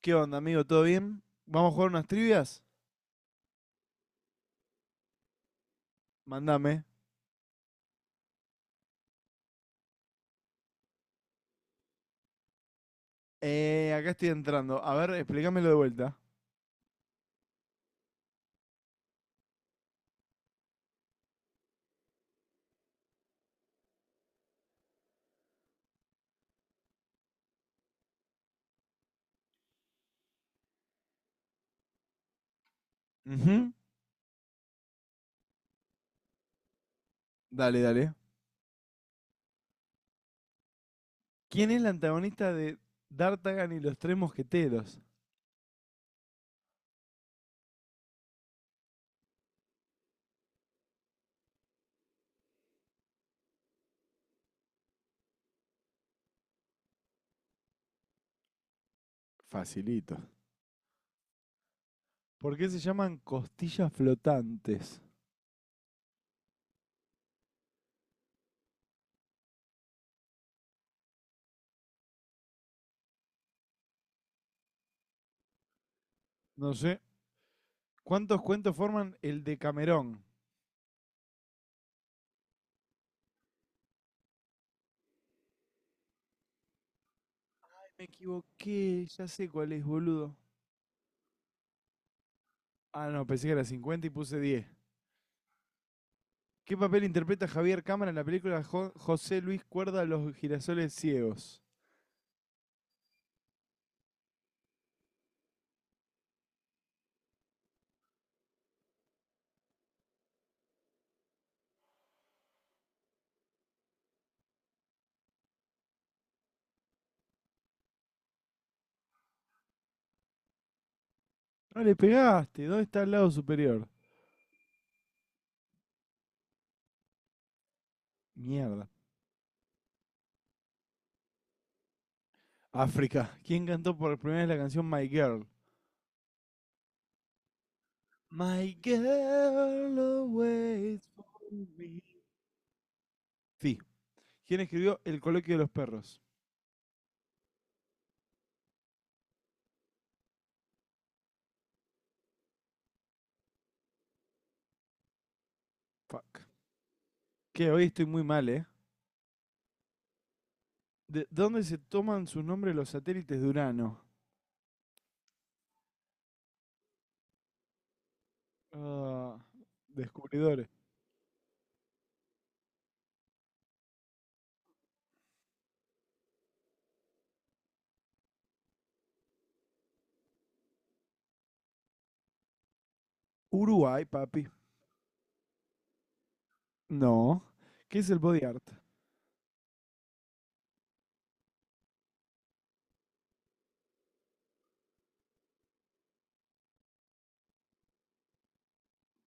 ¿Qué onda, amigo? ¿Todo bien? ¿Vamos a jugar unas trivias? Mandame. Acá estoy entrando. A ver, explícamelo de vuelta. Ujú. Dale, dale. ¿Quién es la antagonista de D'Artagnan y los tres mosqueteros? Facilito. ¿Por qué se llaman costillas flotantes? No sé. ¿Cuántos cuentos forman el de Camerón? Me equivoqué, ya sé cuál es, boludo. Ah, no, pensé que era 50 y puse 10. ¿Qué papel interpreta Javier Cámara en la película José Luis Cuerda Los girasoles ciegos? No le pegaste. ¿Dónde está el lado superior? Mierda. África. ¿Quién cantó por primera vez la canción My Girl? My girl always for me. Sí. ¿Quién escribió El coloquio de los perros? Fuck. Que hoy estoy muy mal, ¿eh? ¿De dónde se toman sus nombres los satélites de Urano? Ah, descubridores. Uruguay, papi. No. ¿Qué es el body art?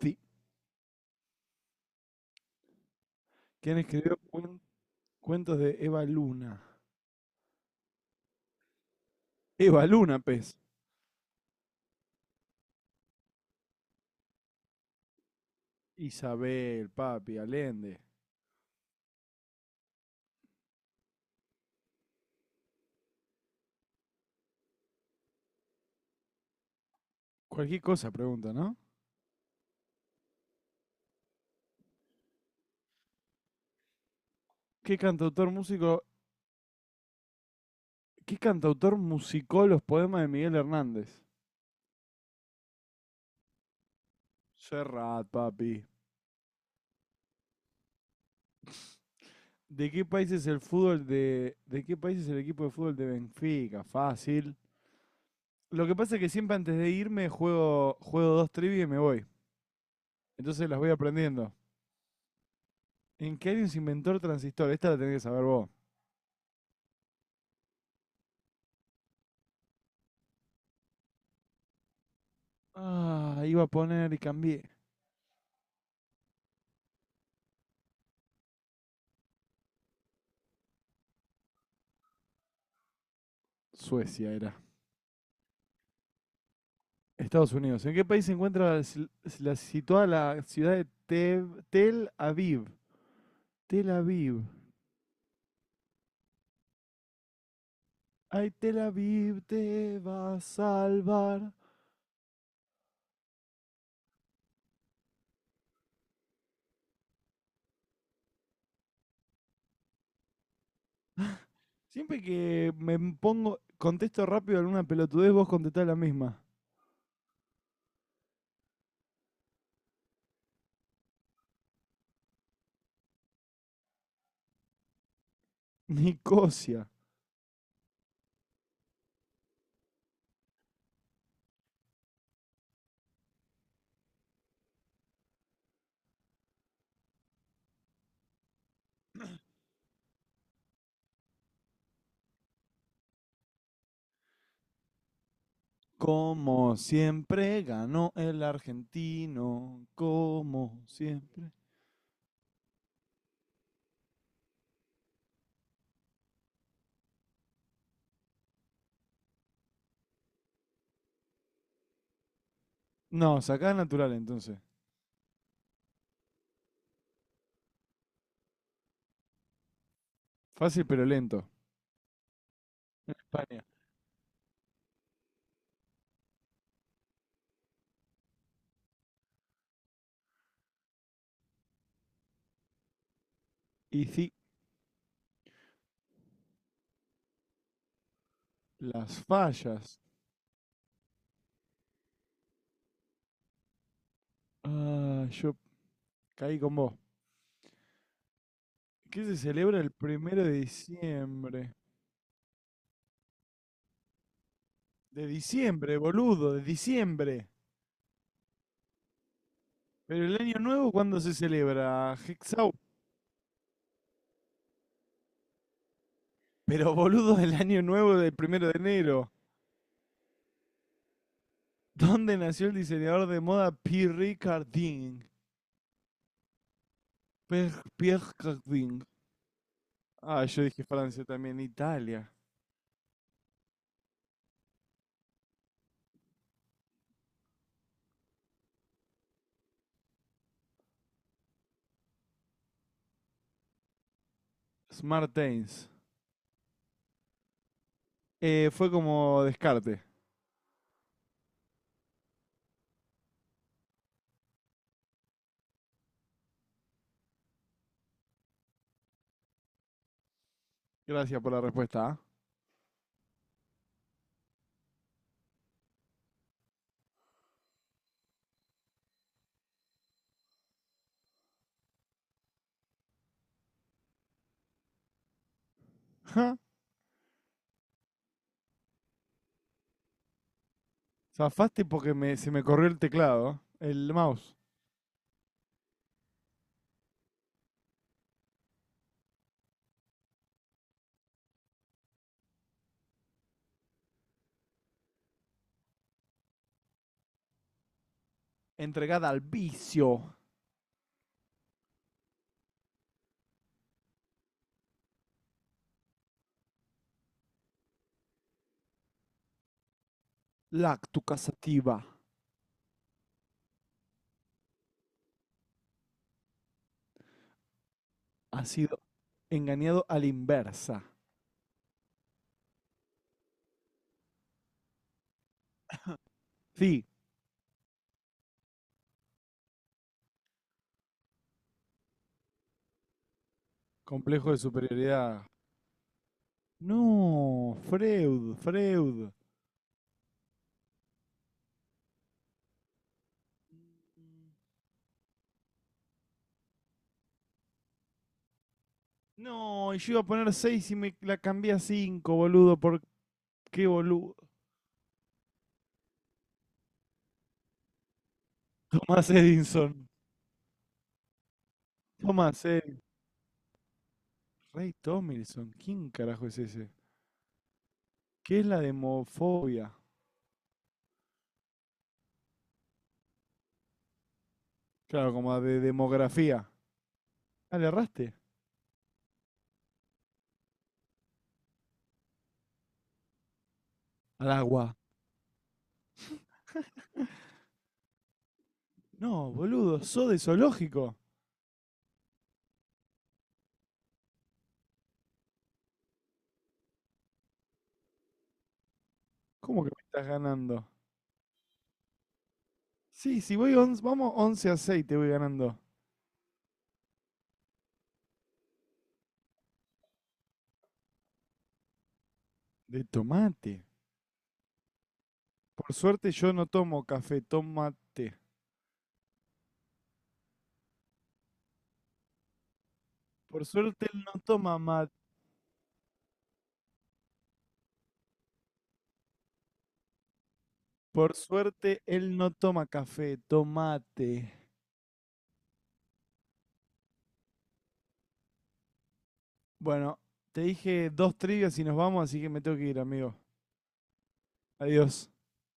Sí. ¿Quién escribió cuentos de Eva Luna? Eva Luna, pez. Isabel, Papi, Allende. Cualquier cosa pregunta, ¿no? ¿Qué cantautor músico, ¿qué cantautor musicó los poemas de Miguel Hernández? Serrat, papi. ¿De qué país es el fútbol de qué país es el equipo de fútbol de Benfica? Fácil. Lo que pasa es que siempre antes de irme juego dos trivias y me voy. Entonces las voy aprendiendo. ¿En qué año se inventó el transistor? Esta la tenés que saber vos. Ah, iba a poner y cambié. Suecia era. Estados Unidos. ¿En qué país se encuentra la situada la ciudad de Tel Aviv? Tel Aviv. Ay, Tel Aviv te va a salvar. Siempre que contesto rápido alguna pelotudez, vos contestás la misma. Nicosia. Como siempre ganó el argentino. Como siempre. No, sacá natural entonces. Fácil pero lento. España. Y sí, las fallas. Ah, yo caí con vos. ¿Qué se celebra el primero de diciembre? De diciembre, boludo, de diciembre. Pero el año nuevo, ¿cuándo se celebra? Hexau. Pero boludo, el año nuevo del primero de enero. ¿Dónde nació el diseñador de moda Pierre Cardin? Pierre Cardin. Ah, yo dije Francia también. Italia. Smartains. Fue como descarte. Gracias por la respuesta. ¿Ah? Ja. Zafaste porque se me corrió el teclado, el mouse. Entregada al vicio. Lactucasativa ha sido engañado a la inversa. Sí. Complejo de superioridad. No, Freud, Freud. No, yo iba a poner seis y me la cambié a 5, boludo, por qué boludo. Tomás Edison. Tomás, eh, Ray Tomlinson, ¿quién carajo es ese? ¿Qué es la demofobia? Claro, como de demografía. Ah, le erraste. Al agua. No, boludo, sos de zoológico. ¿Cómo que me estás ganando? Sí, si vamos 11 a 6, te voy ganando. De tomate. Por suerte yo no tomo café, toma té. Por suerte él no toma mate. Por suerte él no toma café, tomate. Bueno, te dije dos trivias y nos vamos, así que me tengo que ir, amigo. Adiós.